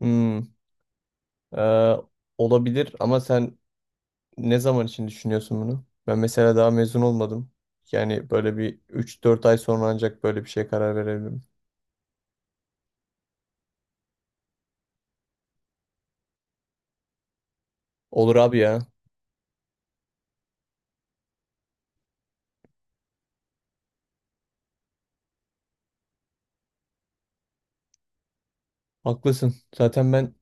Hmm. e, Olabilir ama sen ne zaman için düşünüyorsun bunu? Ben mesela daha mezun olmadım. Yani böyle bir üç dört ay sonra ancak böyle bir şeye karar verebilirim. Olur abi ya. Haklısın. Zaten ben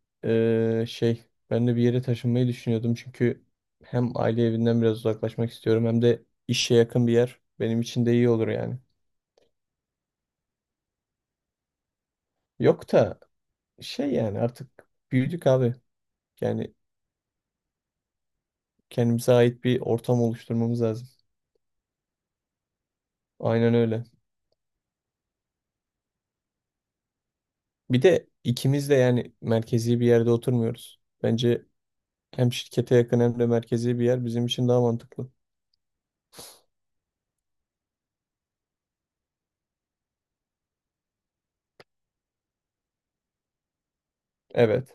e, şey ben de bir yere taşınmayı düşünüyordum, çünkü hem aile evinden biraz uzaklaşmak istiyorum hem de işe yakın bir yer benim için de iyi olur yani. Yok da şey, yani artık büyüdük abi. Yani kendimize ait bir ortam oluşturmamız lazım. Aynen öyle. Bir de ikimiz de yani merkezi bir yerde oturmuyoruz. Bence hem şirkete yakın hem de merkezi bir yer bizim için daha mantıklı. Evet.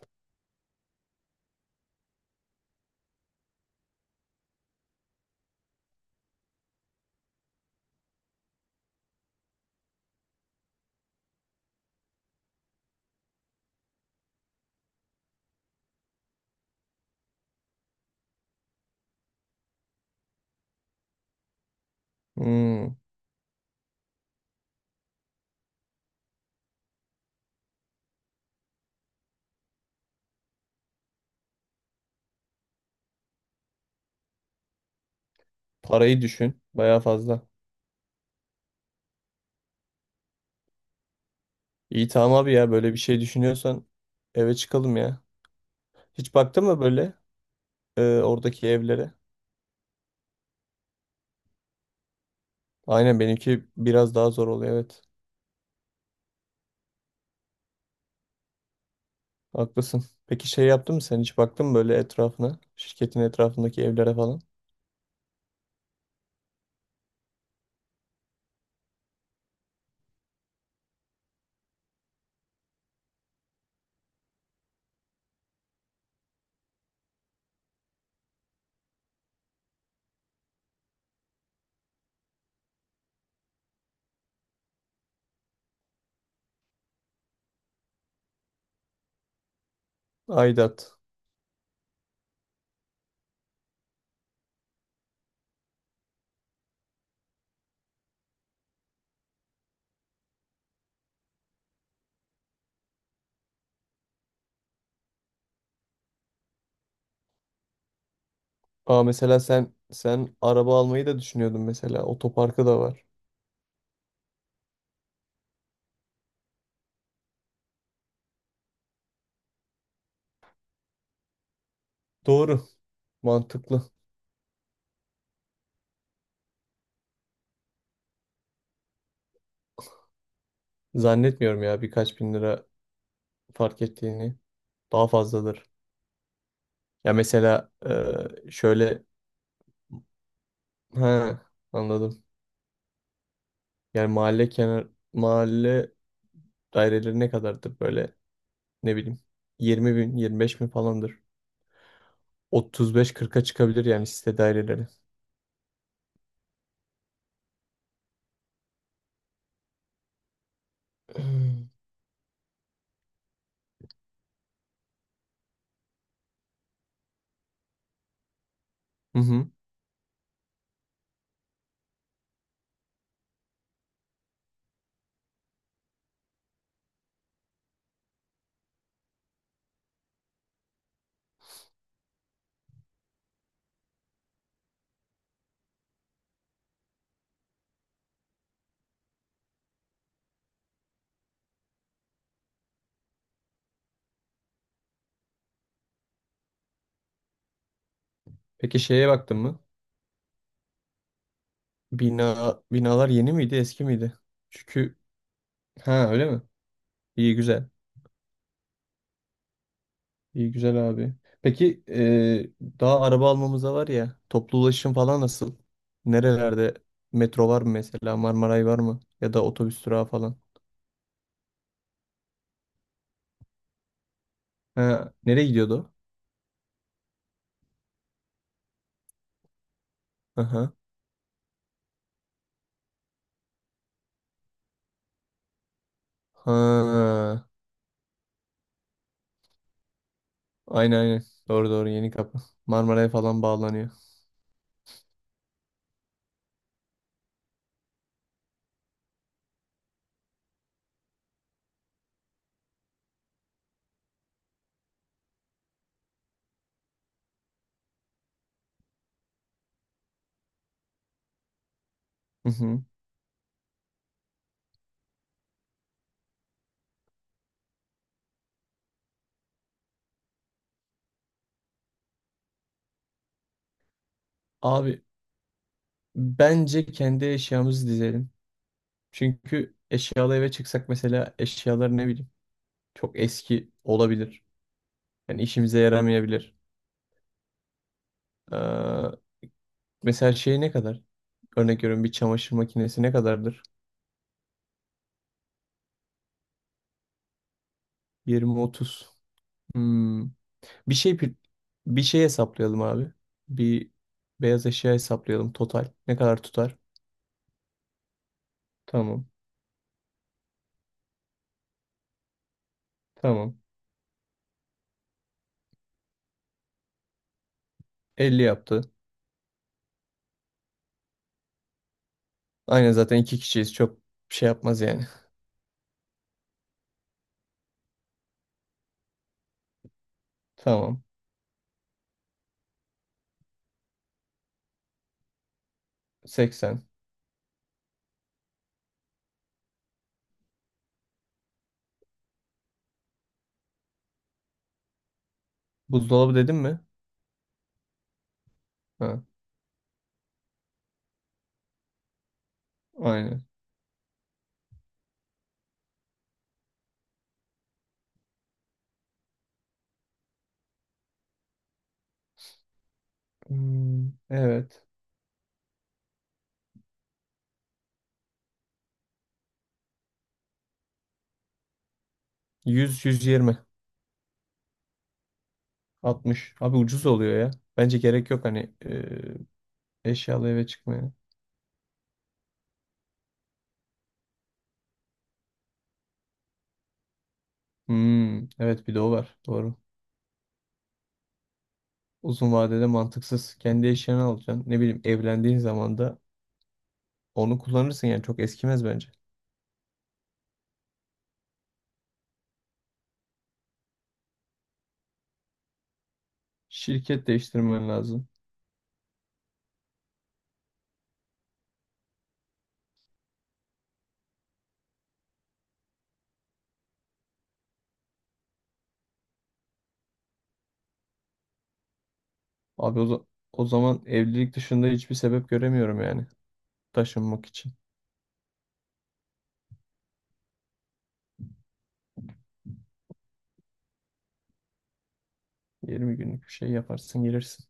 Hmm. Parayı düşün. Bayağı fazla. İyi, tamam abi ya, böyle bir şey düşünüyorsan eve çıkalım ya. Hiç baktın mı böyle oradaki evlere? Aynen, benimki biraz daha zor oluyor, evet. Haklısın. Peki şey yaptın mı, sen hiç baktın mı böyle etrafına? Şirketin etrafındaki evlere falan? Aidat. Aa, mesela sen araba almayı da düşünüyordun mesela. Otoparkı da var. Doğru. Mantıklı. Zannetmiyorum ya birkaç bin lira fark ettiğini. Daha fazladır. Ya mesela şöyle, ha, anladım. Yani mahalle, kenar mahalle daireleri ne kadardır böyle, ne bileyim, 20 bin 25 bin falandır. 35-40'a çıkabilir yani site daireleri. Hı hı. Peki şeye baktın mı? Bina, binalar yeni miydi, eski miydi? Çünkü ha, öyle mi? İyi güzel. İyi güzel abi. Peki daha araba almamıza var ya, toplu ulaşım falan nasıl? Nerelerde metro var mı mesela, Marmaray var mı? Ya da otobüs durağı falan. Ha, nereye gidiyordu? O? Aha. Ha, aynen aynen. Doğru doğru, yeni kapı. Marmaray'a falan bağlanıyor. Hı hı. Abi, bence kendi eşyamızı dizelim. Çünkü eşyalı eve çıksak mesela eşyalar, ne bileyim, çok eski olabilir. Yani işimize yaramayabilir. Mesela şey ne kadar? Örnek veriyorum, bir çamaşır makinesi ne kadardır? 20-30. Hmm. Bir şey pi- bir şey hesaplayalım abi. Bir beyaz eşya hesaplayalım total. Ne kadar tutar? Tamam. Tamam. 50 yaptı. Aynen, zaten iki kişiyiz. Çok bir şey yapmaz yani. Tamam. 80. Buzdolabı dedim mi? Ha, aynen. Hmm, evet. 100 120 60. Abi, ucuz oluyor ya. Bence gerek yok hani eşyalı eve çıkmaya. Hmm, evet, bir de o var. Doğru. Uzun vadede mantıksız. Kendi eşyanı alacaksın. Ne bileyim, evlendiğin zaman da onu kullanırsın yani, çok eskimez bence. Şirket değiştirmen lazım. Abi, o zaman evlilik dışında hiçbir sebep göremiyorum yani taşınmak için. 20 günlük bir şey yaparsın, gelirsin.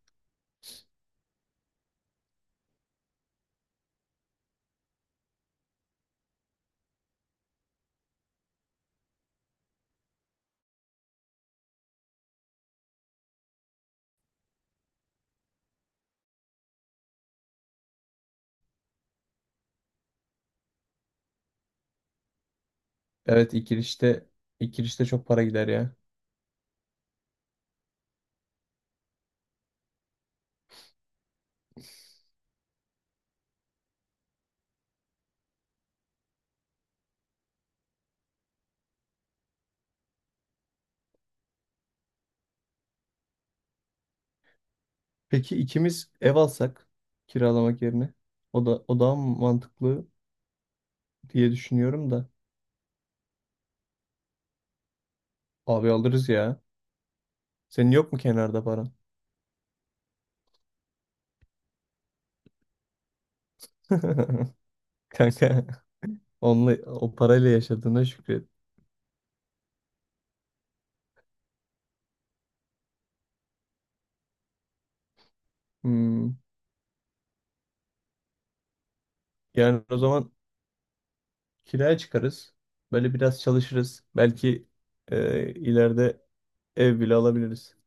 Evet, ilk girişte çok para gider ya. Peki ikimiz ev alsak kiralamak yerine o daha mı mantıklı diye düşünüyorum da. Abi alırız ya. Senin yok mu kenarda paran? Kanka, onunla, o parayla yaşadığına şükret. Hmm. Yani o zaman kiraya çıkarız. Böyle biraz çalışırız. Belki ileride ev bile alabiliriz.